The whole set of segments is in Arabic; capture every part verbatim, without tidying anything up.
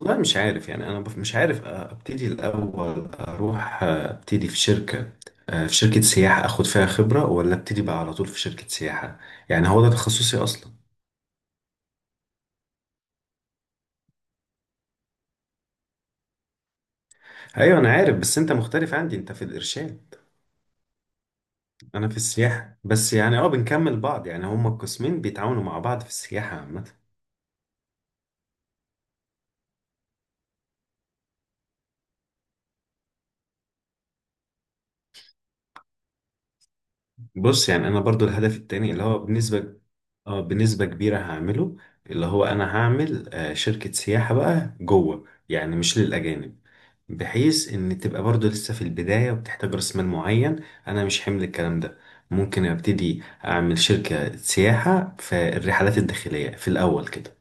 والله مش عارف، يعني انا بف- مش عارف ابتدي الاول. اروح ابتدي في شركه في شركه سياحه اخد فيها خبره، ولا ابتدي بقى على طول في شركه سياحه. يعني هو ده تخصصي اصلا. ايوه، انا عارف بس انت مختلف عندي، انت في الارشاد. انا في السياحه، بس يعني اه بنكمل بعض، يعني هما القسمين بيتعاونوا مع بعض في السياحه عامه. بص، يعني انا برضو الهدف التاني اللي هو بنسبه، اه بنسبه كبيره هعمله. اللي هو انا هعمل آه، شركه سياحه بقى جوه، يعني مش للاجانب. بحيث ان تبقى برضو لسه في البداية وبتحتاج راس مال معين، انا مش حمل الكلام ده. ممكن ابتدي اعمل شركة سياحة في الرحلات الداخلية في الاول كده.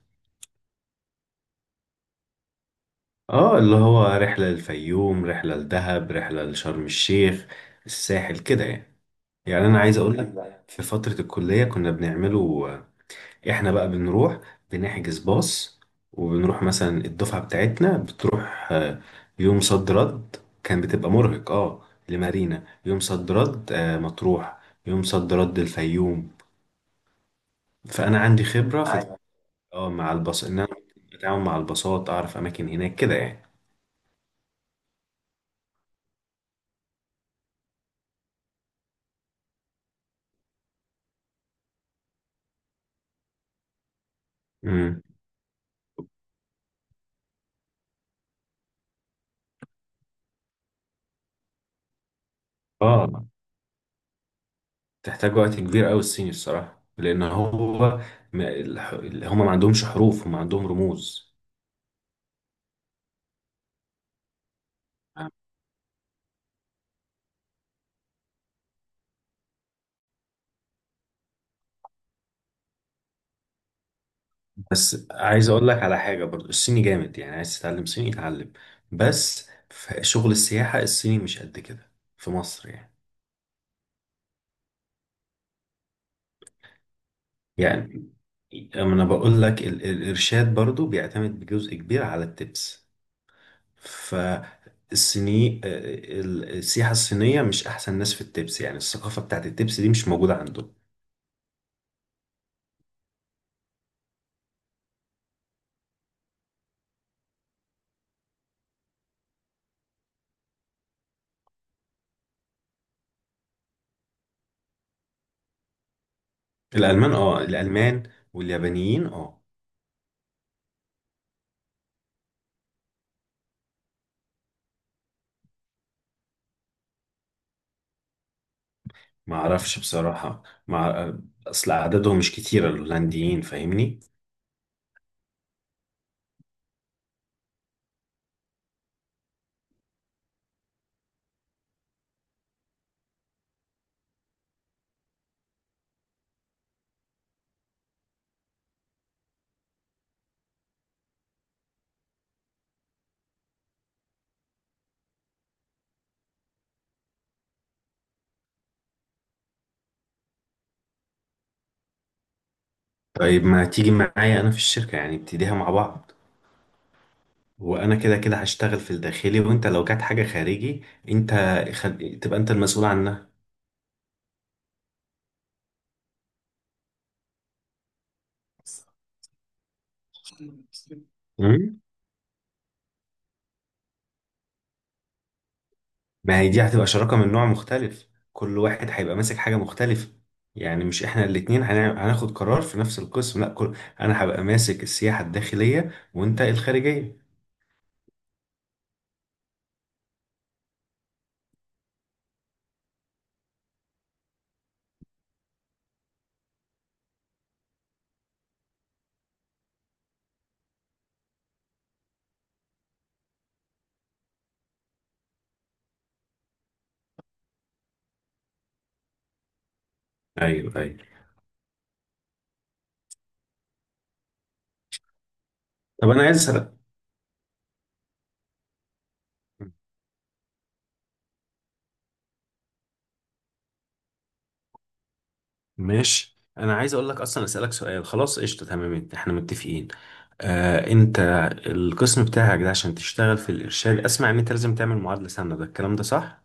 اه، اللي هو رحلة للفيوم، رحلة لدهب، رحلة لشرم الشيخ، الساحل كده يعني. يعني انا عايز اقول لك، في فترة الكلية كنا بنعمله. احنا بقى بنروح، بنحجز باص، وبنروح مثلا الدفعة بتاعتنا بتروح آه، يوم صد رد. كان بتبقى مرهق اه لمارينا يوم صد رد آه، مطروح يوم صد رد الفيوم. فأنا عندي خبرة في، ايوه. اه، مع الباص إن أنا بتعامل مع الباصات، أعرف أماكن هناك كده يعني. امم. اه، تحتاج وقت كبير أوي الصيني الصراحة، لأن هو ما- الح- هما ما عندهمش حروف، هما عندهم رموز. بس عايز اقول لك على حاجه، برضو الصيني جامد، يعني عايز تتعلم صيني يتعلم. بس في شغل السياحه الصيني مش قد كده في مصر يعني. يعني، أما انا بقول لك ال- ال- الارشاد برضو بيعتمد بجزء كبير على التبس. فالصيني، ال- السياحه الصينيه مش احسن ناس في التبس، يعني الثقافه بتاعت التبس دي مش موجوده عندهم. الالمان، اه الالمان واليابانيين، اه. ما اعرفش بصراحه، مع اصل عددهم مش كتير الهولنديين، فاهمني؟ طيب، ما تيجي معايا انا في الشركة، يعني ابتديها مع بعض. وانا كده كده هشتغل في الداخلي، وانت لو جات حاجة خارجي، انت خل... تبقى انت المسؤول عنها. مم. ما هي دي هتبقى شراكة من نوع مختلف، كل واحد هيبقى ماسك حاجة مختلفة. يعني مش احنا الاتنين هنع- هناخد قرار في نفس القسم، لا كل... انا هبقى ماسك السياحة الداخلية، وانت الخارجية. ايوه، ايوه. طب انا عايز اسالك. ماشي، انا عايز اقول لك اصلا، اسالك سؤال، خلاص قشطه، تمام احنا متفقين. آه انت القسم بتاعك ده عشان تشتغل في الارشاد، اسمع ان انت لازم تعمل معادله سنه، ده الكلام ده صح؟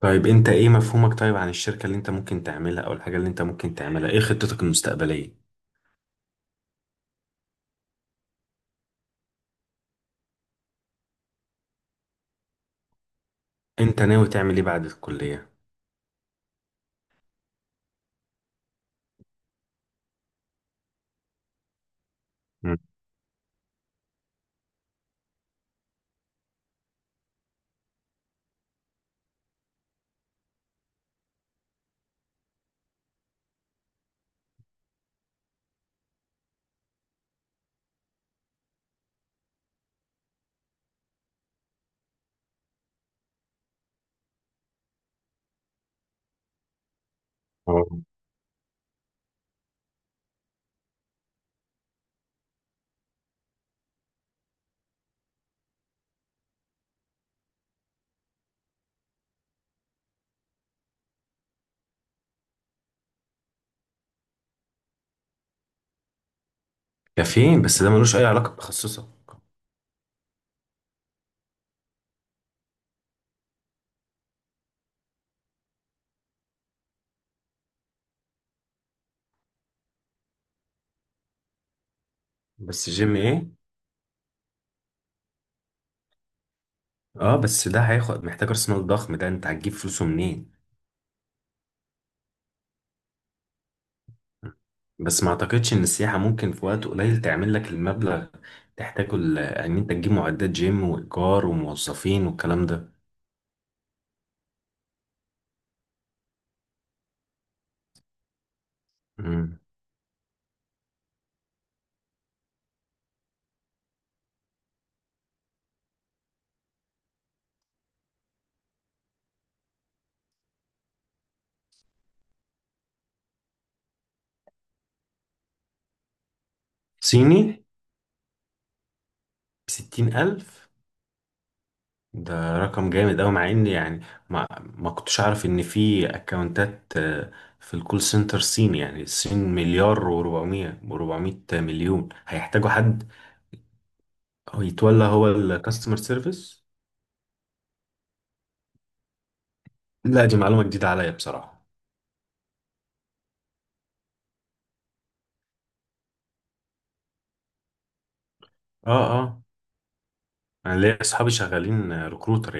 طيب، انت ايه مفهومك طيب عن الشركه اللي انت ممكن تعملها، او الحاجه اللي انت ممكن تعملها، ايه خطتك المستقبليه؟ انت ناوي تعمل ايه بعد الكليه؟ مم. آه. كافيين؟ بس ده ملوش اي علاقه بتخصصك. بس جيم ايه؟ اه، بس ده هياخد، محتاج راس مال ضخم، ده انت هتجيب فلوسه منين؟ بس ما اعتقدش ان السياحة ممكن في وقت قليل تعمل لك المبلغ تحتاجه ل- ان انت تجيب معدات جيم وايجار وموظفين والكلام ده. مم. صيني؟ بستين الف؟ ده رقم جامد اوي، مع ان يعني ما, ما كنتش اعرف ان في اكونتات آه، في الكول سنتر صيني، يعني الصين مليار و400 و400 مليون هيحتاجوا حد، هو يتولى هو الكاستمر سيرفيس. لا، دي معلومة جديدة عليا بصراحة. اه، اه. انا ليا اصحابي شغالين ريكروتر.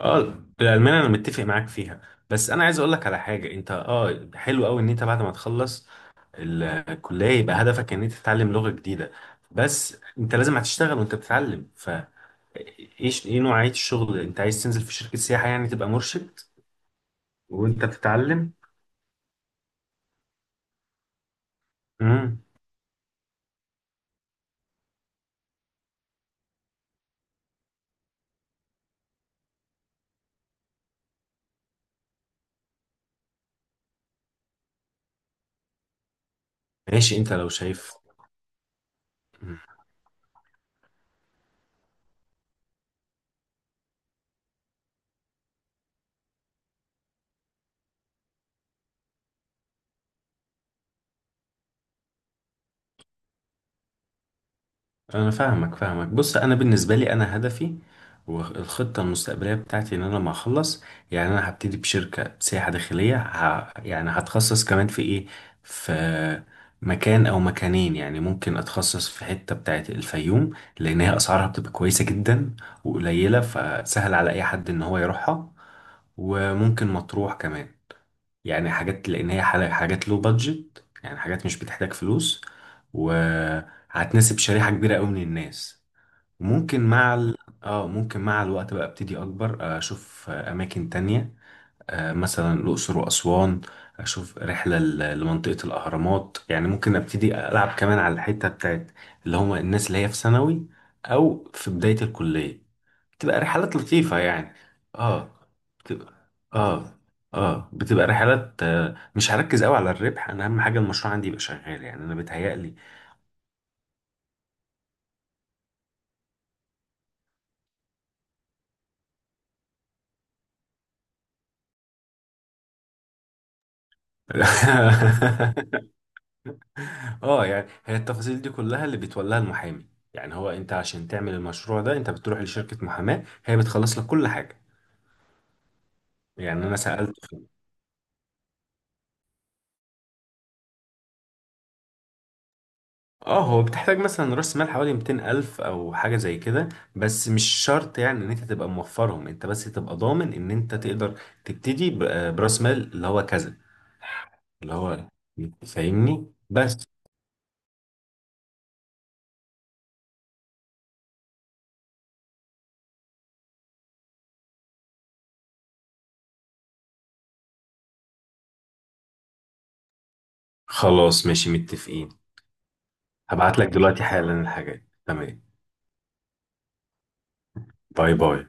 اه، الألمانية أنا متفق معاك فيها. بس أنا عايز أقول لك على حاجة، أنت اه حلو أوي إن أنت بعد ما تخلص الكلية، يبقى هدفك إن أنت تتعلم لغة جديدة. بس أنت لازم هتشتغل وأنت بتتعلم، ف إيش إيه نوعية الشغل، أنت عايز تنزل في شركة سياحة يعني تبقى مرشد وأنت بتتعلم. امم. ماشي، أنت لو شايف. انا فاهمك فاهمك، بص انا بالنسبه لي انا هدفي والخطه المستقبليه بتاعتي، ان انا لما اخلص يعني، انا هبتدي بشركه سياحه داخليه، ه... يعني هتخصص كمان في ايه، في مكان او مكانين. يعني ممكن اتخصص في حته بتاعت الفيوم، لان هي اسعارها بتبقى كويسه جدا وقليله، فسهل على اي حد ان هو يروحها. وممكن مطروح كمان، يعني حاجات لان هي حل- حاجات لو بادجت، يعني حاجات مش بتحتاج فلوس، وهتناسب شريحة كبيرة قوي من الناس. ممكن مع ال... اه، ممكن مع الوقت بقى ابتدي اكبر آه، اشوف اماكن تانية، آه، مثلا الاقصر واسوان. اشوف رحلة ل- لمنطقة الاهرامات، يعني ممكن ابتدي العب كمان على الحتة بتاعت اللي هم الناس اللي هي في ثانوي او في بداية الكلية. بتبقى رحلات لطيفة يعني. اه. بتبقى. اه. اه، بتبقى رحلات آه، مش هركز قوي على الربح، انا اهم حاجة المشروع عندي يبقى شغال، يعني انا بيتهيألي. اه، يعني هي التفاصيل دي كلها اللي بيتولاها المحامي. يعني هو انت عشان تعمل المشروع ده، انت بتروح لشركة محاماة هي بتخلص لك كل حاجة. يعني انا سألت. اه، هو بتحتاج مثلا راس مال حوالي ميتين ألف أو حاجة زي كده. بس مش شرط يعني إن أنت تبقى موفرهم، أنت بس تبقى ضامن إن أنت تقدر تبتدي ب- آه، براس مال اللي هو كذا، اللي هو، فاهمني؟ بس خلاص، ماشي متفقين. هبعت لك دلوقتي حالا الحاجات، تمام. باي باي.